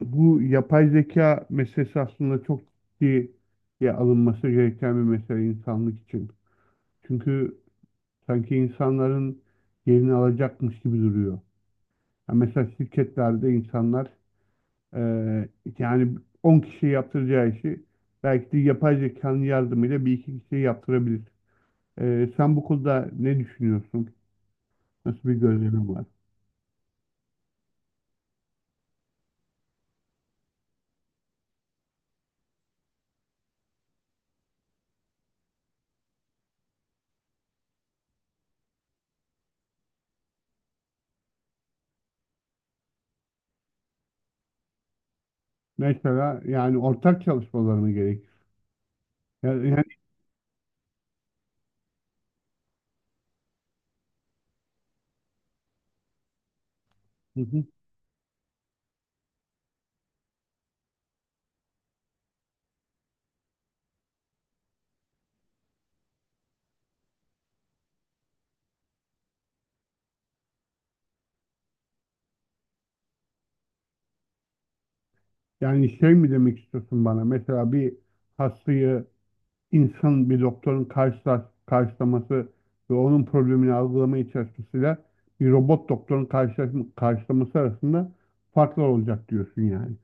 Bu yapay zeka meselesi aslında çok ciddiye alınması gereken bir mesele insanlık için. Çünkü sanki insanların yerini alacakmış gibi duruyor. Ya mesela şirketlerde insanlar eee, yani 10 kişi yaptıracağı işi belki de yapay zekanın yardımıyla bir iki kişi yaptırabilir. Sen bu konuda ne düşünüyorsun? Nasıl bir gözlemin var? Mesela yani ortak çalışmaları mı gerekir? Yani, yani- Yani şey mi demek istiyorsun bana? Mesela bir hastayı insan bir doktorun karşılaması ve onun problemini algılamaya çalışmasıyla bir robot doktorun karşılaması arasında farklar olacak diyorsun yani.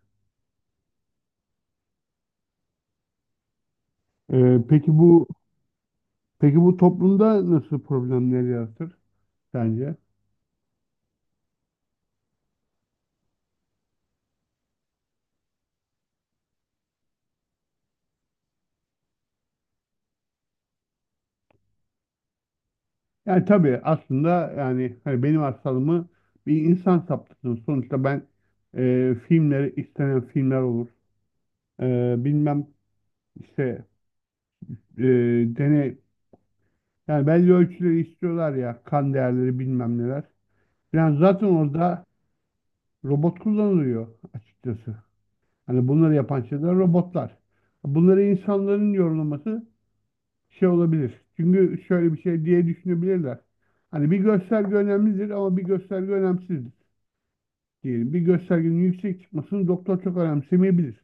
Peki bu peki bu toplumda nasıl problemler yaratır sence? Yani tabii aslında yani hani benim hastalığımı bir insan saptasın. Sonuçta ben filmleri istenen filmler olur. Bilmem işte e, deney yani belli ölçüleri istiyorlar ya kan değerleri bilmem neler. Yani zaten orada robot kullanılıyor açıkçası. Hani bunları yapan şeyler robotlar. Bunları insanların yorumlaması şey olabilir. Çünkü şöyle bir şey diye düşünebilirler. Hani bir gösterge önemlidir ama bir gösterge önemsizdir diyelim. Bir göstergenin yüksek çıkmasını doktor çok önemsemeyebilir.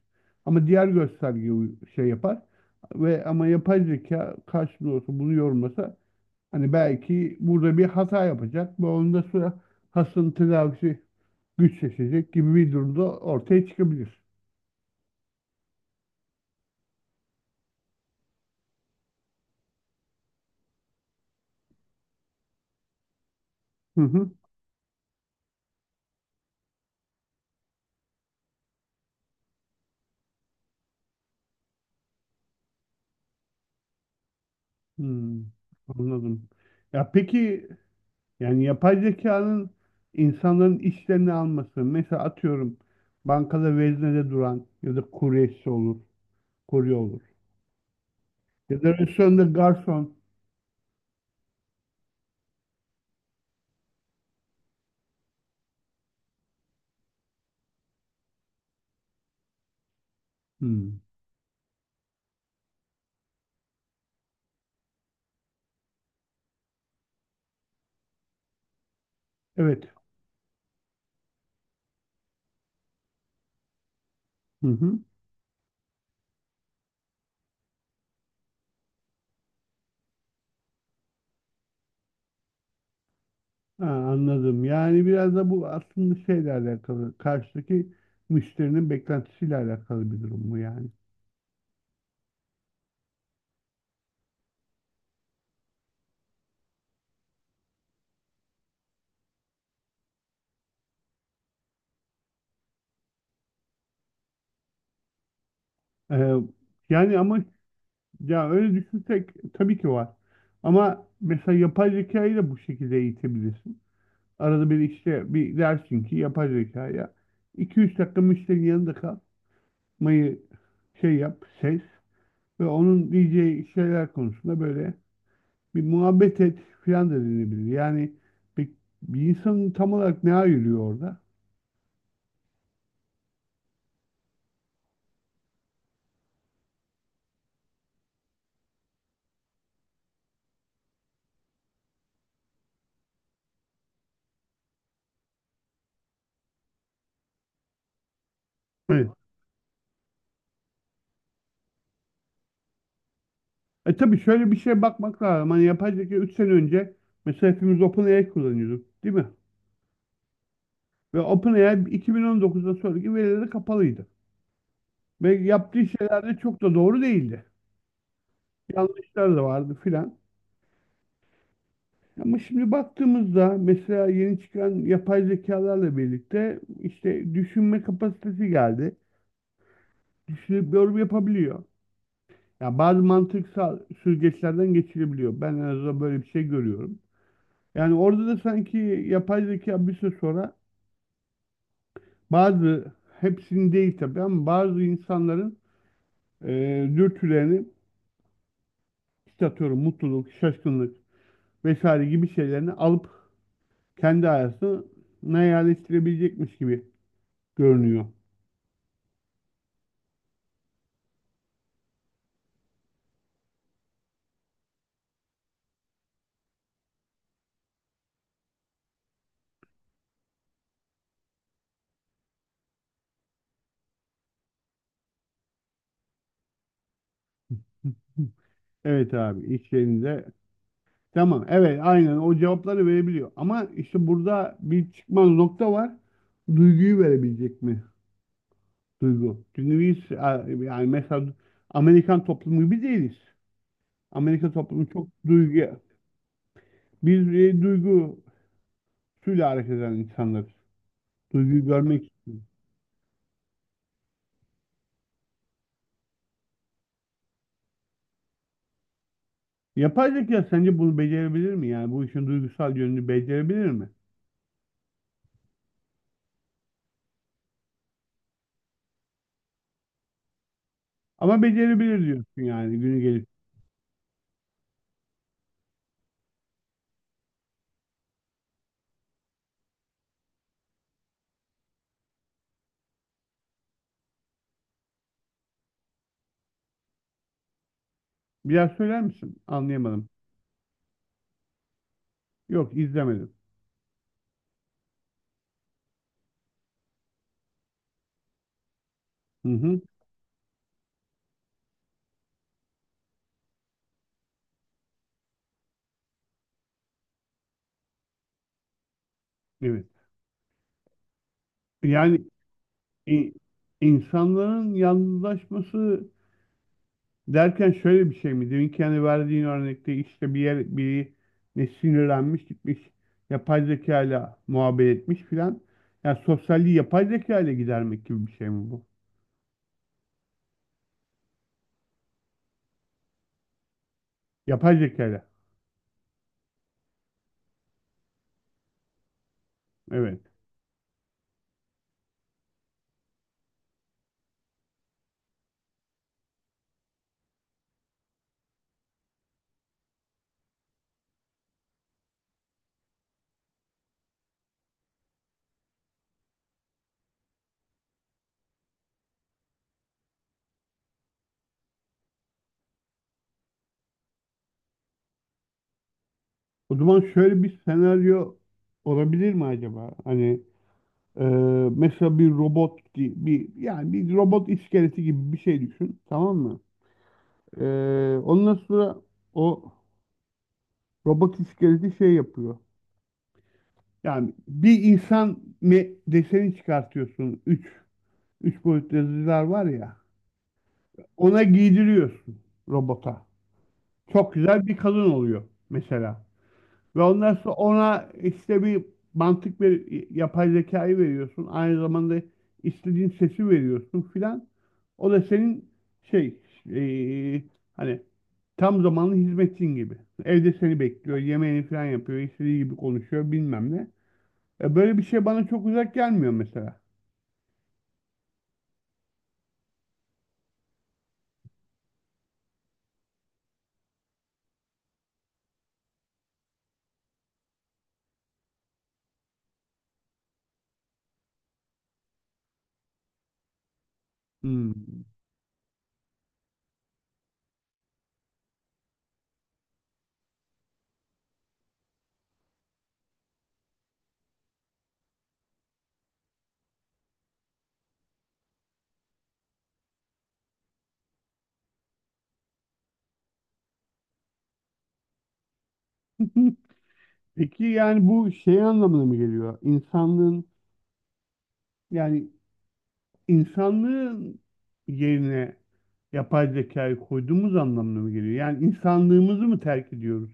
Ama diğer gösterge şey yapar ve ama yapay zeka karşılığında olsa bunu yorumlasa, hani belki burada bir hata yapacak ve onda sonra hastanın tedavisi güçleşecek gibi bir durumda ortaya çıkabilir. Hı hı. Hmm, anladım. Ya peki yani yapay zekanın insanların işlerini alması, mesela atıyorum bankada veznede duran ya da kuryesi olur, kurye olur ya da restoranda garson. Hmm, evet. Hı hı. Ha, anladım. Yani biraz da bu aslında şeyle alakalı, karşıdaki müşterinin beklentisiyle alakalı bir durum mu yani? Ee, Yani ama ya öyle düşünsek tabii ki var. Ama mesela yapay zekayı da bu şekilde eğitebilirsin. Arada bir işte bir dersin ki yapay zekaya 2-3 dakika müşterinin yanında kalmayı şey yap, ses ve onun diyeceği şeyler konusunda böyle bir muhabbet et filan da denebilir. Yani bir, bir insanın tam olarak ne ayırıyor orada? Evet. E tabii şöyle bir şeye bakmak lazım. Hani yapay zeka 3 sene önce mesela hepimiz OpenAI kullanıyorduk değil mi? Ve OpenAI 2019'dan sonraki verileri kapalıydı. Ve yaptığı şeyler de çok da doğru değildi. Yanlışlar da vardı filan. Ama şimdi baktığımızda mesela yeni çıkan yapay zekalarla birlikte işte düşünme kapasitesi geldi. Düşünüp yorum yapabiliyor. Ya bazı mantıksal süzgeçlerden geçilebiliyor. Ben en azından böyle bir şey görüyorum. Yani orada da sanki yapay zeka bir süre sonra bazı, hepsini değil tabii ama bazı insanların e, dürtülerini işte atıyorum mutluluk, şaşkınlık vesaire gibi şeylerini alıp kendi hayatına yerleştirebilecekmiş gibi görünüyor. Evet abi iş yerinde. Tamam, evet, aynen o cevapları verebiliyor. Ama işte burada bir çıkmaz nokta var. Duyguyu verebilecek mi? Duygu. Çünkü biz yani mesela Amerikan toplumu gibi değiliz. Amerika toplumu çok duygu. Biz duygusuyla hareket eden insanlarız. Duyguyu görmek istiyoruz. Yapay zeka sence bunu becerebilir mi? Yani bu işin duygusal yönünü becerebilir mi? Ama becerebilir diyorsun yani günü gelip. Biraz söyler misin? Anlayamadım. Yok, izlemedim. Hı hı. Evet. Yani i- insanların yalnızlaşması derken şöyle bir şey mi? Deminki hani verdiğin örnekte işte bir yer biri ne sinirlenmiş, gitmiş yapay zeka ile muhabbet etmiş filan. Yani sosyalliği yapay zeka ile gidermek gibi bir şey mi bu? Yapay zeka ile. Evet. O zaman şöyle bir senaryo olabilir mi acaba? Hani e, mesela bir robot gibi bir yani bir robot iskeleti gibi bir şey düşün. Tamam mı? E, Ondan sonra o robot iskeleti şey yapıyor. Yani bir insan deseni çıkartıyorsun. Üç boyutlu yazıcılar var ya. Ona giydiriyorsun robota. Çok güzel bir kadın oluyor mesela. Ve ondan sonra ona işte bir mantık ver, yapay zekayı veriyorsun. Aynı zamanda istediğin sesi veriyorsun filan. O da senin şey eee, hani tam zamanlı hizmetçin gibi. Evde seni bekliyor, yemeğini filan yapıyor, istediği gibi konuşuyor bilmem ne. Böyle bir şey bana çok uzak gelmiyor mesela. Hmm. Peki yani bu şey anlamına mı geliyor? İnsanlığın yani insanlığın yerine yapay zekayı koyduğumuz anlamına mı geliyor? Yani insanlığımızı mı terk ediyoruz?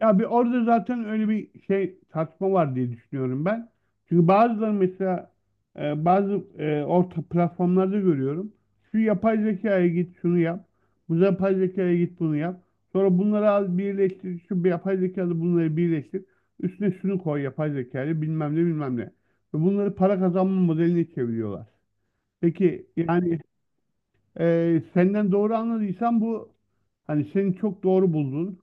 Ya bir orada zaten öyle bir şey tartışma var diye düşünüyorum ben. Çünkü bazıları mesela bazı orta platformlarda görüyorum. Şu yapay zekaya git şunu yap. Bu yapay zekaya git bunu yap. Sonra bunları al birleştir. Şu bir yapay zekalı bunları birleştir. Üstüne şunu koy yapay zekayla bilmem ne bilmem ne. Ve bunları para kazanma modeline çeviriyorlar. Peki yani senden doğru anladıysam bu hani senin çok doğru bulduğun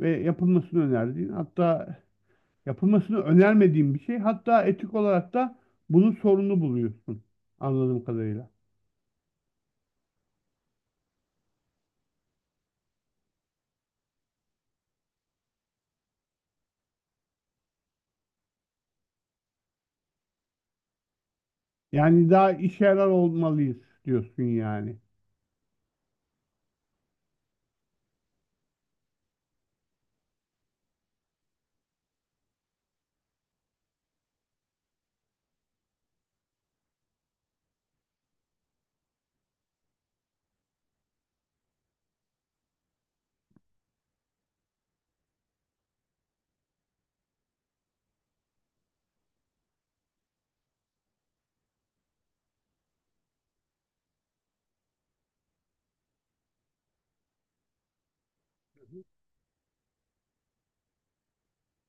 ve yapılmasını önerdiğin, hatta yapılmasını önermediğim bir şey. Hatta etik olarak da bunun sorunu buluyorsun. Anladığım kadarıyla. Yani daha işe yarar olmalıyız diyorsun yani.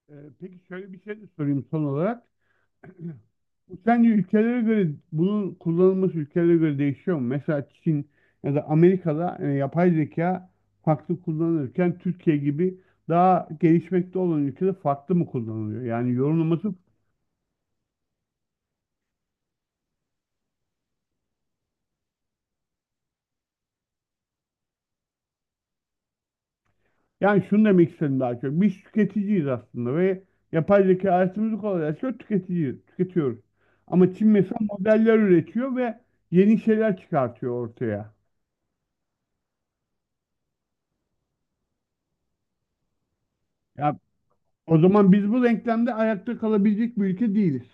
Ee, peki şöyle bir şey de sorayım son olarak. Bu sence ülkelere göre bunun kullanılması ülkelere göre değişiyor mu? Mesela Çin ya da Amerika'da yapay zeka farklı kullanılırken Türkiye gibi daha gelişmekte olan ülkede farklı mı kullanılıyor? Yani yorumlaması. Yani şunu demek istedim daha çok. Biz tüketiciyiz aslında ve yapay zeka hayatımızı kolaylaştırıyor, tüketiciyiz, tüketiyoruz. Ama Çin mesela modeller üretiyor ve yeni şeyler çıkartıyor ortaya. Ya o zaman biz bu denklemde ayakta kalabilecek bir ülke değiliz.